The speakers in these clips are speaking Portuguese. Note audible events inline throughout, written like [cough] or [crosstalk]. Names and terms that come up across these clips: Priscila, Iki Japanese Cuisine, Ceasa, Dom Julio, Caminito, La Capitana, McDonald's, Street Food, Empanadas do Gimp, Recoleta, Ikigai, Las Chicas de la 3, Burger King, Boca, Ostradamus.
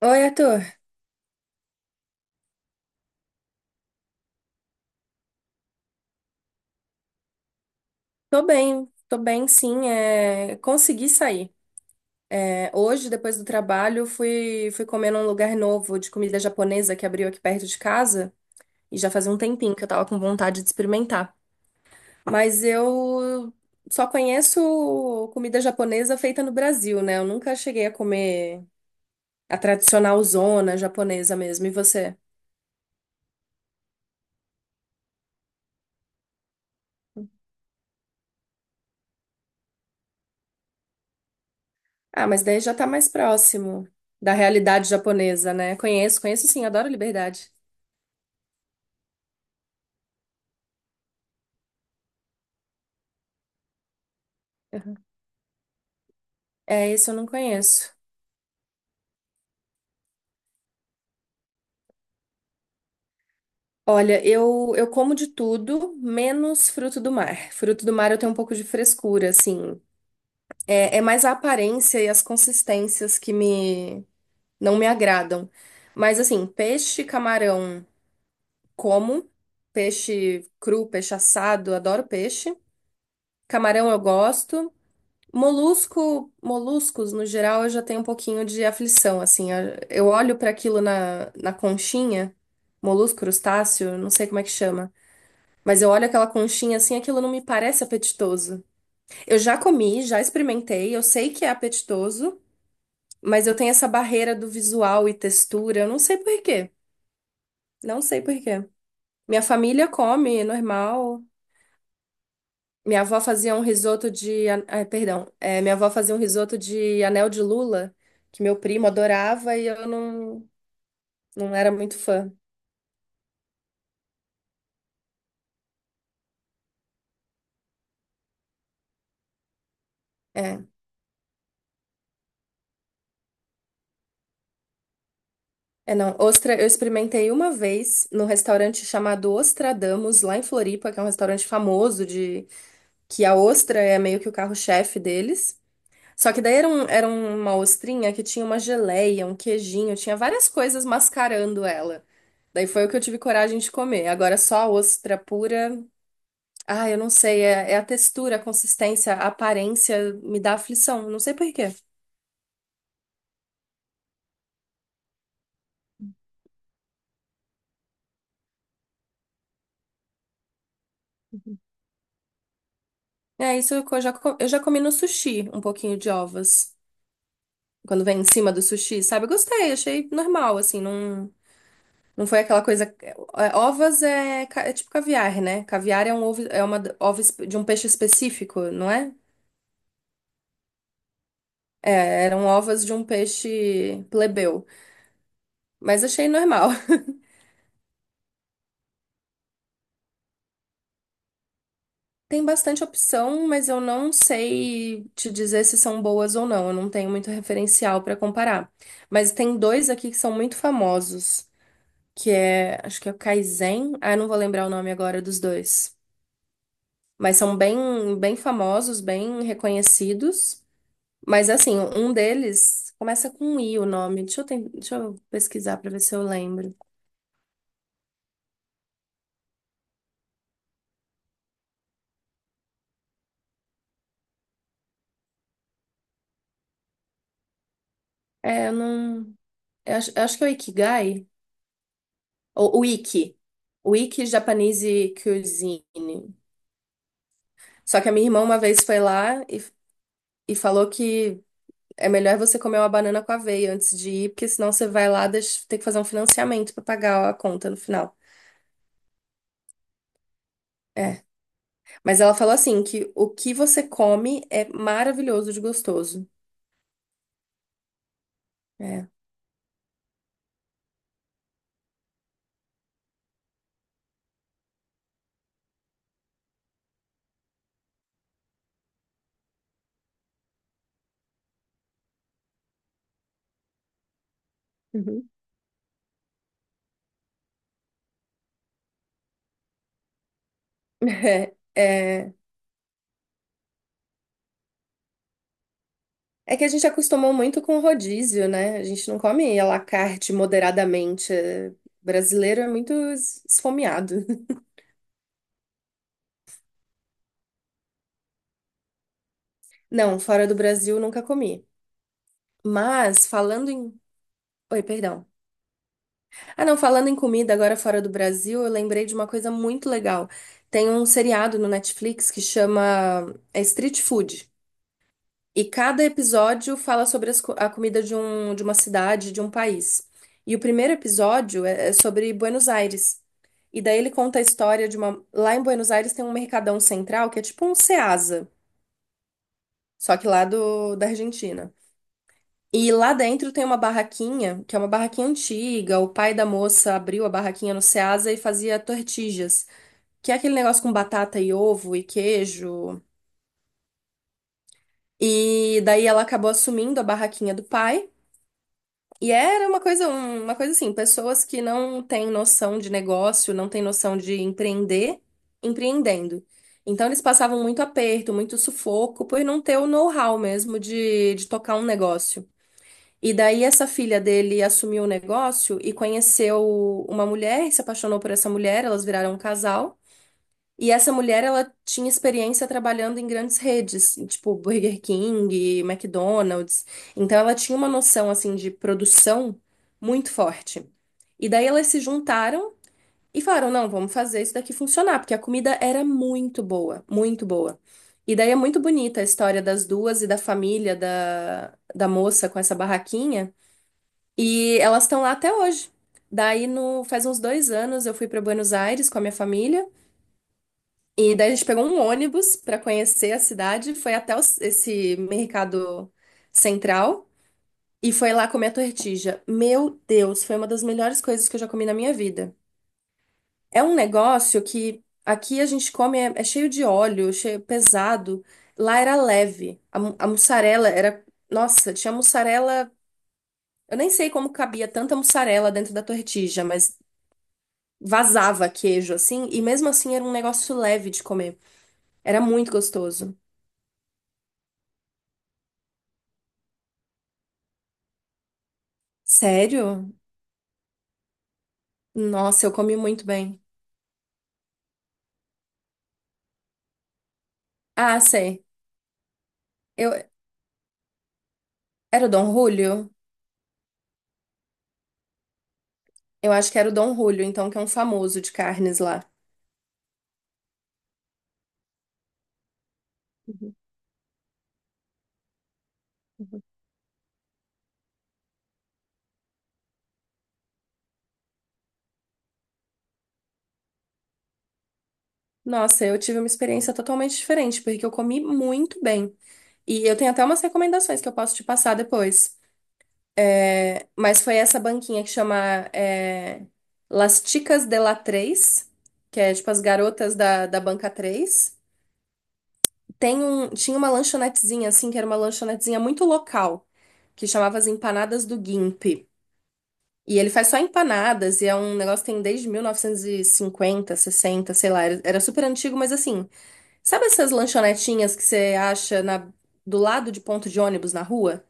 Oi, Arthur. Tô bem, sim. Consegui sair. É, hoje, depois do trabalho, fui comer num lugar novo de comida japonesa que abriu aqui perto de casa. E já fazia um tempinho que eu tava com vontade de experimentar. Mas eu só conheço comida japonesa feita no Brasil, né? Eu nunca cheguei a comer a tradicional zona japonesa mesmo. E você? Ah, mas daí já tá mais próximo da realidade japonesa, né? Conheço sim, adoro liberdade. É, isso eu não conheço. Olha, eu como de tudo, menos fruto do mar. Fruto do mar eu tenho um pouco de frescura, assim. É mais a aparência e as consistências que me não me agradam. Mas assim, peixe, camarão, como. Peixe cru, peixe assado, adoro peixe. Camarão eu gosto. Moluscos, no geral, eu já tenho um pouquinho de aflição, assim. Eu olho para aquilo na conchinha, molusco, crustáceo, não sei como é que chama. Mas eu olho aquela conchinha assim, aquilo não me parece apetitoso. Eu já comi, já experimentei, eu sei que é apetitoso, mas eu tenho essa barreira do visual e textura, eu não sei por quê. Não sei por quê. Minha família come, é normal. Minha avó fazia um risoto de, perdão. É, minha avó fazia um risoto de anel de lula, que meu primo adorava e eu não, não era muito fã. É, é não. Ostra, eu experimentei uma vez num restaurante chamado Ostradamus, lá em Floripa, que é um restaurante famoso de que a ostra é meio que o carro-chefe deles. Só que daí era uma ostrinha que tinha uma geleia, um queijinho, tinha várias coisas mascarando ela. Daí foi o que eu tive coragem de comer. Agora só a ostra pura. Ah, eu não sei, é a textura, a consistência, a aparência me dá aflição, não sei por quê. É, isso eu já comi no sushi, um pouquinho de ovas. Quando vem em cima do sushi, sabe? Eu gostei, achei normal, assim, não. Não foi aquela coisa. Ovas é tipo caviar, né? Caviar é um ovo, é uma de um peixe específico, não é? É, eram ovas de um peixe plebeu. Mas achei normal. [laughs] Tem bastante opção, mas eu não sei te dizer se são boas ou não. Eu não tenho muito referencial para comparar. Mas tem dois aqui que são muito famosos, que é, acho que é o Kaizen. Ah, eu não vou lembrar o nome agora dos dois. Mas são bem famosos, bem reconhecidos. Mas assim, um deles começa com um I o nome. Deixa eu pesquisar para ver se eu lembro. É, eu não. Eu acho que é o Ikigai. Ou o Iki. O Iki Japanese Cuisine. Só que a minha irmã uma vez foi lá e falou que é melhor você comer uma banana com aveia antes de ir, porque senão você vai lá deixa, ter que fazer um financiamento para pagar a conta no final. É. Mas ela falou assim que o que você come é maravilhoso de gostoso. É. Uhum. [laughs] É, é. É que a gente acostumou muito com rodízio, né? A gente não come à la carte moderadamente. É, brasileiro é muito esfomeado. [laughs] Não, fora do Brasil nunca comi. Mas falando em. Oi, perdão. Ah, não, falando em comida agora fora do Brasil, eu lembrei de uma coisa muito legal. Tem um seriado no Netflix que chama Street Food. E cada episódio fala sobre a comida de uma cidade, de um país. E o primeiro episódio é sobre Buenos Aires. E daí ele conta a história de uma. Lá em Buenos Aires tem um mercadão central que é tipo um Ceasa, só que lá da Argentina. E lá dentro tem uma barraquinha, que é uma barraquinha antiga. O pai da moça abriu a barraquinha no Ceasa e fazia tortillas, que é aquele negócio com batata e ovo e queijo. E daí ela acabou assumindo a barraquinha do pai. E era uma coisa assim, pessoas que não têm noção de negócio, não têm noção de empreender, empreendendo. Então eles passavam muito aperto, muito sufoco por não ter o know-how mesmo de tocar um negócio. E daí essa filha dele assumiu o negócio e conheceu uma mulher, se apaixonou por essa mulher, elas viraram um casal. E essa mulher, ela tinha experiência trabalhando em grandes redes, tipo Burger King, McDonald's. Então ela tinha uma noção assim de produção muito forte. E daí elas se juntaram e falaram: "Não, vamos fazer isso daqui funcionar", porque a comida era muito boa, muito boa. E daí é muito bonita a história das duas e da família da moça com essa barraquinha, e elas estão lá até hoje. Daí no faz uns dois anos eu fui para Buenos Aires com a minha família. E daí a gente pegou um ônibus para conhecer a cidade, foi até esse mercado central e foi lá comer a tortilha. Meu Deus, foi uma das melhores coisas que eu já comi na minha vida. É um negócio que aqui a gente come é cheio de óleo, cheio pesado. Lá era leve. A mussarela era, nossa, tinha mussarela. Eu nem sei como cabia tanta mussarela dentro da tortilha, mas vazava queijo assim e mesmo assim era um negócio leve de comer. Era muito gostoso. Sério? Nossa, eu comi muito bem. Ah, sei. Eu... Era o Dom Julio? Eu acho que era o Dom Julio, então, que é um famoso de carnes lá. [laughs] Nossa, eu tive uma experiência totalmente diferente, porque eu comi muito bem. E eu tenho até umas recomendações que eu posso te passar depois. É, mas foi essa banquinha que chama é, Las Chicas de la 3, que é tipo as garotas da banca 3. Tinha uma lanchonetezinha assim, que era uma lanchonetezinha muito local, que chamava as Empanadas do Gimp. E ele faz só empanadas, e é um negócio que tem desde 1950, 60, sei lá. Era super antigo, mas assim, sabe essas lanchonetinhas que você acha do lado de ponto de ônibus na rua?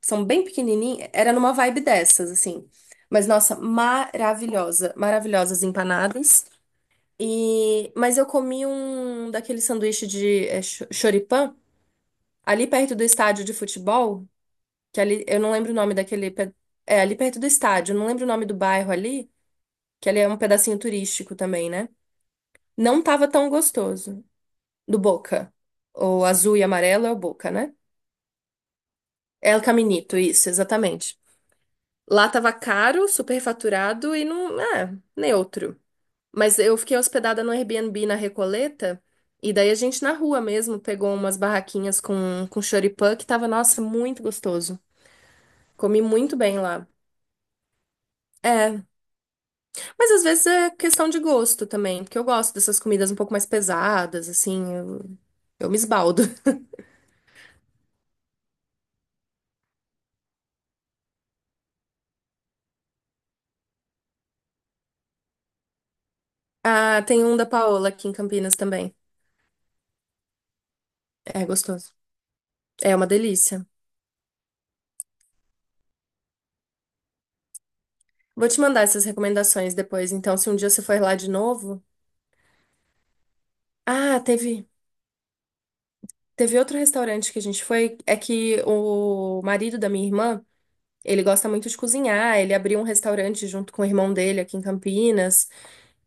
São bem pequenininhas. Era numa vibe dessas, assim. Mas nossa, maravilhosa. Maravilhosas empanadas. E, mas eu comi um daquele sanduíche de choripã, ali perto do estádio de futebol, que ali, eu não lembro o nome daquele. Pe- É, ali perto do estádio, eu não lembro o nome do bairro ali que ele é um pedacinho turístico também, né? Não tava tão gostoso. Do Boca. O azul e amarelo é o Boca, né? É o Caminito, isso, exatamente. Lá tava caro, superfaturado e não, é, neutro. Mas eu fiquei hospedada no Airbnb na Recoleta e daí a gente na rua mesmo pegou umas barraquinhas com choripã que tava, nossa, muito gostoso. Comi muito bem lá. É. Mas às vezes é questão de gosto também, porque eu gosto dessas comidas um pouco mais pesadas, assim, eu me esbaldo. [laughs] Ah, tem um da Paola aqui em Campinas também. É gostoso. É uma delícia. Vou te mandar essas recomendações depois, então, se um dia você for lá de novo. Ah, teve, teve outro restaurante que a gente foi, é que o marido da minha irmã, ele gosta muito de cozinhar, ele abriu um restaurante junto com o irmão dele aqui em Campinas.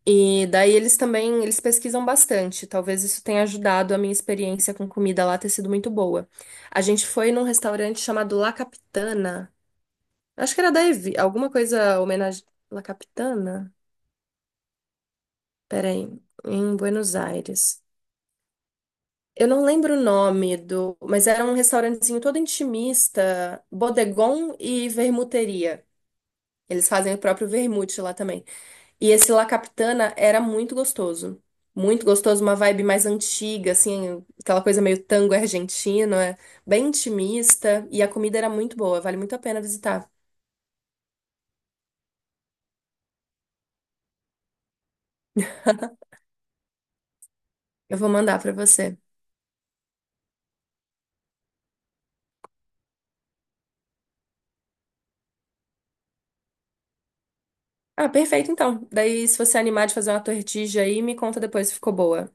E daí eles também, eles pesquisam bastante. Talvez isso tenha ajudado a minha experiência com comida lá ter sido muito boa. A gente foi num restaurante chamado La Capitana. Acho que era da Evi, alguma coisa homenagem La Capitana? Peraí, em Buenos Aires. Eu não lembro o nome do, mas era um restaurantezinho todo intimista, bodegon e vermuteria. Eles fazem o próprio vermute lá também. E esse La Capitana era muito gostoso. Muito gostoso, uma vibe mais antiga, assim, aquela coisa meio tango argentino, é bem intimista. E a comida era muito boa, vale muito a pena visitar. Eu vou mandar pra você. Ah, perfeito então. Daí, se você animar de fazer uma tortilha aí, me conta depois se ficou boa.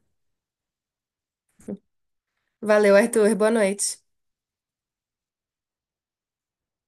Valeu, Arthur. Boa noite.